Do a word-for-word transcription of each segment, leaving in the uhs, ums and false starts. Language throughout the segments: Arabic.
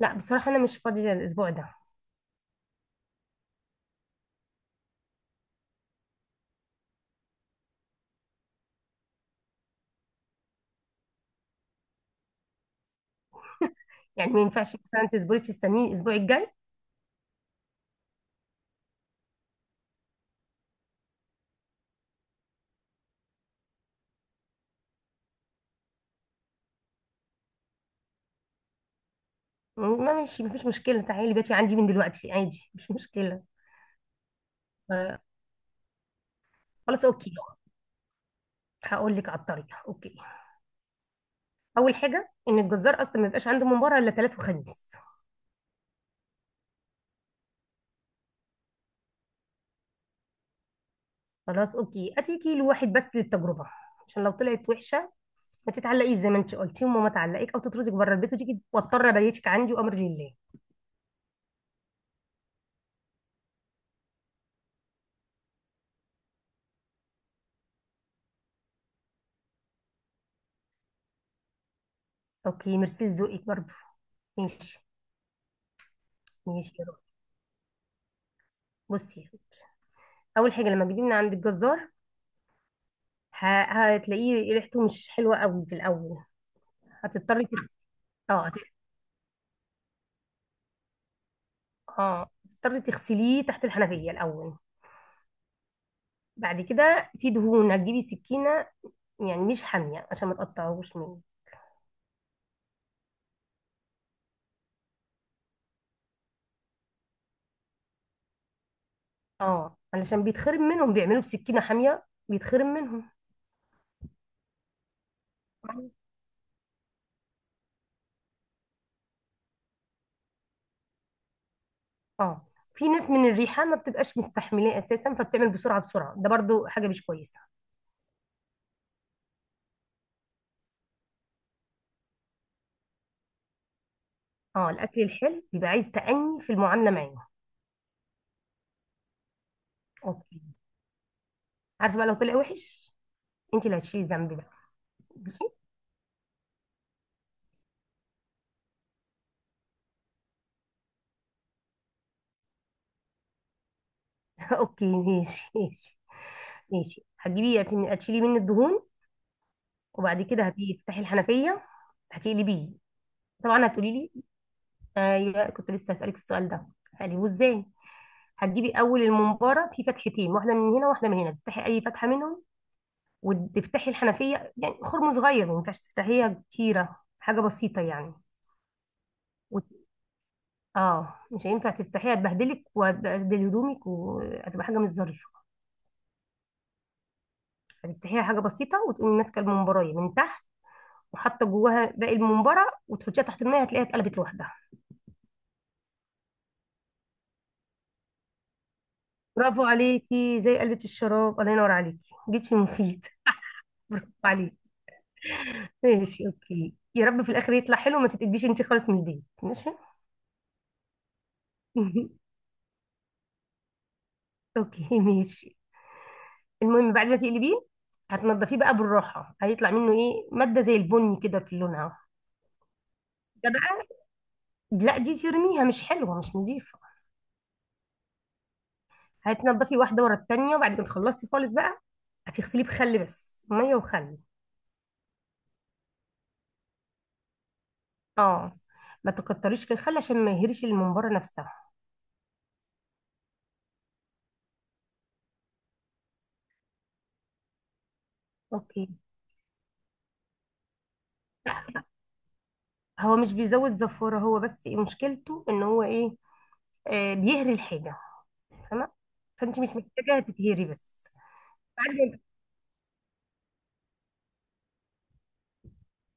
لا، بصراحة أنا مش فاضية الأسبوع ده. يعني ما ينفعش مثلا تصبري تستنيني الأسبوع الجاي؟ ما ماشي، مفيش مشكلة، تعالي بيتي عندي من دلوقتي عادي، مش مشكلة. آه، خلاص أوكي. هقول لك على الطريقة، أوكي. أول حاجة إن الجزار أصلا ما يبقاش عنده مباراة إلا تلات وخميس. خلاص أوكي، هاتي كيلو واحد بس للتجربة، عشان لو طلعت وحشة ما تتعلقيش زي ما انت قلتي وماما تعلقك او تطردك بره البيت وتيجي واضطر ابيتك عندي وامر لله. اوكي، ميرسي لذوقك برضه. ماشي. ماشي يا روحي. بصي يا روحي. اول حاجه لما تجيبي من عند الجزار، ه- هتلاقيه ريحته مش حلوه قوي في الاول. هتضطري تغ- اه هت- اه هتضطري تغسليه تحت الحنفيه الاول. بعد كده في دهون، هتجيبي سكينه، يعني مش حاميه عشان ما تقطعهوش مني. اه، علشان بيتخرم منهم، بيعملوا بسكينه حاميه بيتخرم منهم. اه، في ناس من الريحه ما بتبقاش مستحملاه اساسا، فبتعمل بسرعه بسرعه، ده برضو حاجه مش كويسه. اه، الاكل الحلو بيبقى عايز تأني في المعامله معاه. اوكي. عارفه بقى لو طلع وحش انت اللي هتشيلي ذنبي بقى. ماشي. اوكي، ماشي ماشي. ماشي، هتجيبي هت- هتشيلي مني الدهون. وبعد كده هتيجي تفتحي الحنفيه، هتقلبيه. طبعا هتقولي لي، ايوه كنت لسه هسألك السؤال ده، هقلبه ازاي؟ هتجيبي اول الممبار في فتحتين، واحده من هنا واحده من هنا، تفتحي اي فتحه منهم وتفتحي الحنفيه، يعني خرم صغير، ما ينفعش تفتحيها كتيره، حاجه بسيطه يعني. وت... اه، مش هينفع تفتحيها، تبهدلك وتبهدل هدومك وهتبقى حاجه مش ظريفه. هتفتحيها حاجه بسيطه، وتقومي ماسكه الممبرايه من تحت وحاطه جواها باقي الممبره وتحطيها تحت الميه، هتلاقيها اتقلبت لوحدها. برافو عليكي، زي قلبة الشراب، الله ينور عليكي، جيتي مفيد. برافو عليكي. ماشي اوكي، يا رب في الاخر يطلع حلو، ما تتقلبيش انت خالص من البيت. ماشي. اوكي ماشي. المهم بعد ما تقلبيه هتنضفيه بقى بالراحه، هيطلع منه ايه ماده زي البني كده في لونها أهو. ده بقى، لا دي ترميها مش حلوه مش نظيفه. هتنضفي واحده ورا التانيه، وبعد ما تخلصي خالص بقى هتغسليه بخل، بس ميه وخل. اه، ما تكتريش في الخل عشان ما يهريش الممبار نفسها. اوكي. هو مش بيزود زفاره، هو بس إيه مشكلته؟ ان هو ايه؟ آه، بيهري الحاجه، فاهمه؟ فانت مش محتاجه تتهري بس. بعد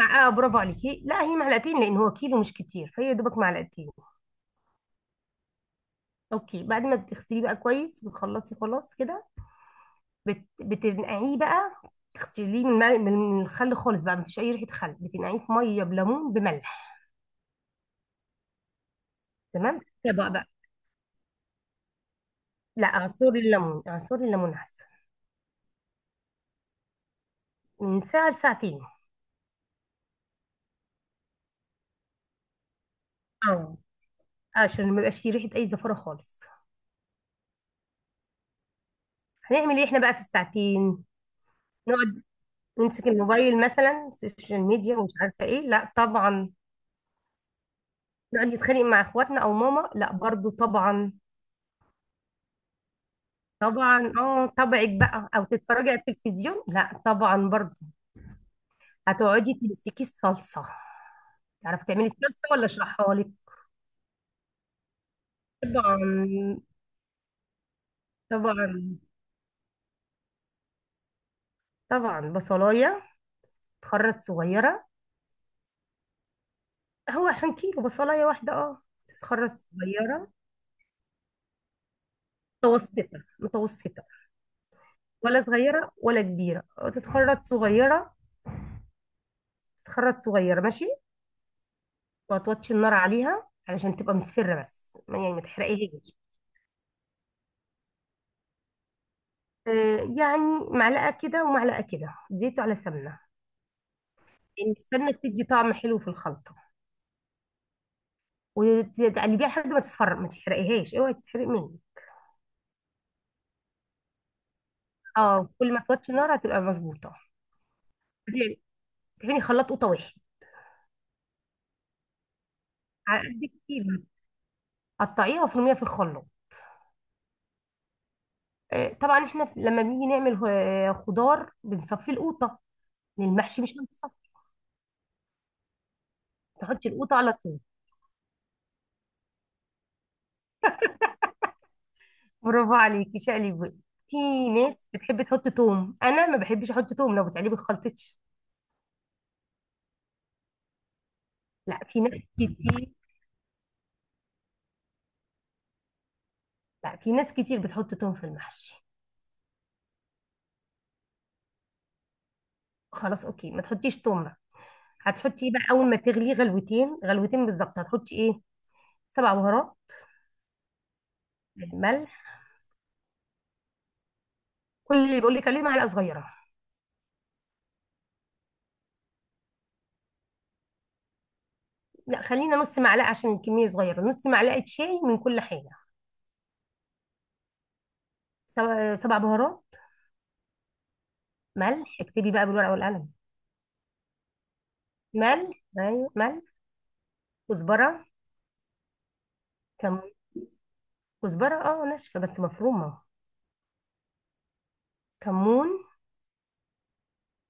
مع اه برافو عليكي، لا هي معلقتين لان هو كيلو مش كتير فهي يا دوبك معلقتين. اوكي، بعد ما بتغسليه بقى كويس وتخلصي خلاص كده بت... بتنقعيه بقى. تغسليه من، المل- من الخل خالص بقى مفيش اي ريحه خل، بتنقعيه في ميه بليمون بملح. تمام. طبق بقى. لا، عصير الليمون، عصير الليمون احسن. من ساعه لساعتين. اه، عشان ما يبقاش فيه ريحه اي زفاره خالص. هنعمل ايه احنا بقى في الساعتين؟ نقعد نمسك الموبايل مثلا، السوشيال ميديا ومش عارفه ايه؟ لا طبعا. نقعد نتخانق مع اخواتنا او ماما؟ لا برضو طبعا. طبعا، اه طبعك بقى، او تتفرجي على التلفزيون؟ لا طبعا برضو. هتقعدي تمسكي الصلصه. تعرفي تعملي الصلصه ولا اشرحها لك؟ طبعا. طبعا. طبعا. بصلايه تخرط صغيره. هو عشان كيلو بصلايه واحده، اه. تتخرط صغيره. متوسطه متوسطه. ولا صغيره ولا كبيره. تتخرط صغيره. تتخرط صغيره، ماشي. وهتوطي النار عليها علشان تبقى مصفرة، بس ما- يعني ما تحرقيهاش. آه، يعني معلقة كده ومعلقة كده، زيت على سمنة. لأن السمنة بتدي طعم حلو في الخلطة. وتقلبيها لحد ما تصفر، ما تحرقيهاش، اوعي تتحرق مني. اه، كل ما توطي النار هتبقى مظبوطة. تعملي خلاط قوطة واحد. على قد كتير. قطعيها وفرميها في الخلاط. آه، طبعا احنا لما بنيجي نعمل آه، خضار بنصفي القوطة. للمحشي مش هنصفي، تحطي القوطة على طول. برافو عليكي، شقلي بقى. في ناس بتحب تحط توم، انا ما بحبش احط توم لو بتقلبي الخلطة. لا، في ناس كتير. لا، في ناس كتير بتحط توم في المحشي. خلاص اوكي، ما تحطيش توم بقى. هتحطي ايه بقى اول ما تغليه غلوتين غلوتين بالظبط؟ هتحطي ايه؟ سبع بهارات، ملح. كل اللي بقول لك عليه معلقه صغيره. لا، خلينا نص معلقه عشان الكميه صغيره، نص معلقه شاي من كل حاجه. سبع سبع بهارات، ملح. اكتبي بقى بالورقه والقلم. ملح، ايوه ملح، كزبره، كمون. كزبره اه ناشفه بس مفرومه. كمون.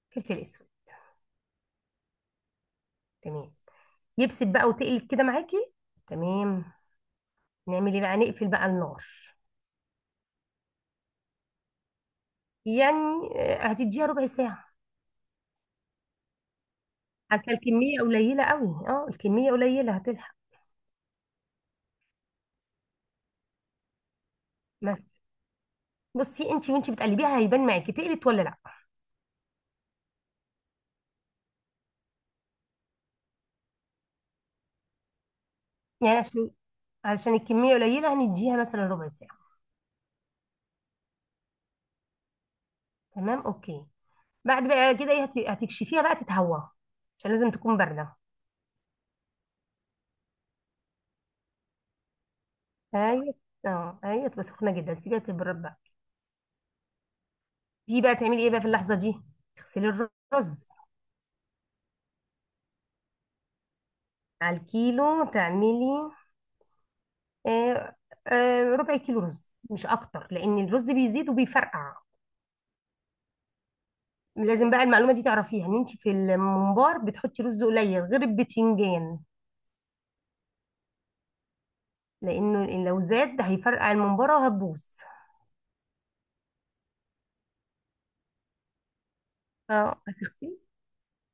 فلفل اسود. تمام. يبسط بقى وتقلب كده معاكي، تمام. نعمل ايه بقى؟ نقفل بقى النار. يعني آه، هتديها ربع ساعة. اصل الكمية قليلة قوي، اه الكمية قليلة هتلحق. بس بصي، انت وانت بتقلبيها هيبان معاكي تقلت ولا لا. يعني عشان عشان الكمية قليلة هنديها مثلا ربع ساعة. تمام، اوكي. بعد بقى كده ايه هت- هتكشفيها بقى تتهوى، عشان لازم تكون باردة. ايوه، اه ايوه، تبقى سخنة جدا، سيبيها تبرد بقى. دي بقى تعملي ايه بقى في اللحظة دي؟ تغسلي الرز. على الكيلو تعملي آه، آه، ربع كيلو رز مش اكتر، لان الرز بيزيد وبيفرقع. لازم بقى المعلومه دي تعرفيها، ان انت في الممبار بتحطي رز قليل غير البتنجان. لانه إن لو زاد ده هيفرقع الممباره وهتبوظ. اه، هتغسلي.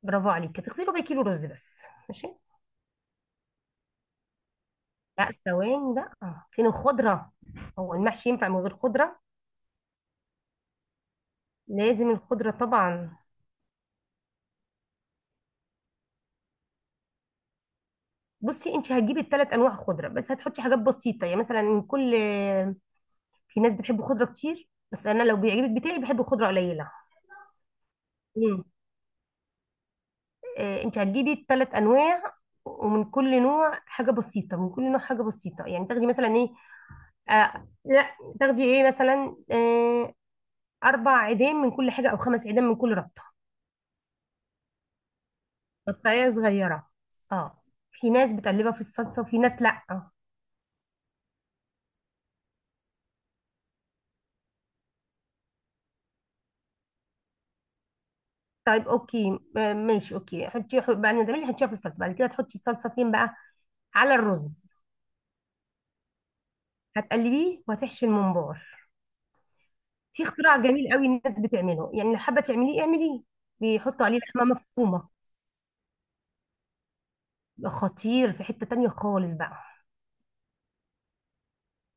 برافو عليك، هتغسلي ربع كيلو رز بس. ماشي. لا ثواني بقى، آه، فين الخضره؟ هو المحشي ينفع من غير خضره؟ لازم الخضره طبعا. بصي، انت هتجيبي الثلاث انواع خضره، بس هتحطي حاجات بسيطه يعني مثلا كل. في ناس بتحب خضره كتير، بس انا لو بيعجبك بتاعي بحب خضره قليله. امم آه انت هتجيبي الثلاث انواع، ومن كل نوع حاجه بسيطه، من كل نوع حاجه بسيطه يعني تاخدي مثلا ايه؟ آه لا، تاخدي ايه مثلا؟ آه اربع عيدان من كل حاجه او خمس عيدان من كل ربطه. قطعيه صغيره. اه، في ناس بتقلبها في الصلصه وفي ناس لا. طيب اوكي، آه، ماشي اوكي. حطي حط- بعد ما تعملي حطيها في الصلصه، بعد كده تحطي الصلصه فين بقى؟ على الرز. هتقلبيه وهتحشي الممبار. في اختراع جميل قوي الناس بتعمله، يعني لو حابه تعمليه اعمليه، بيحطوا عليه لحمه مفرومه، بيبقى خطير في حته تانية خالص بقى.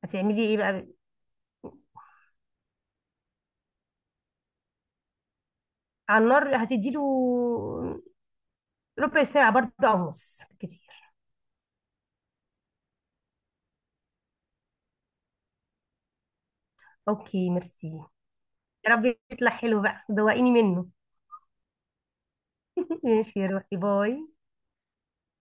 هتعملي ايه بقى على النار؟ هتديله ربع ساعه برضه او نص كتير. اوكي، ميرسي. يا رب يطلع حلو بقى، دوقيني منه. ماشي يا روحي، باي.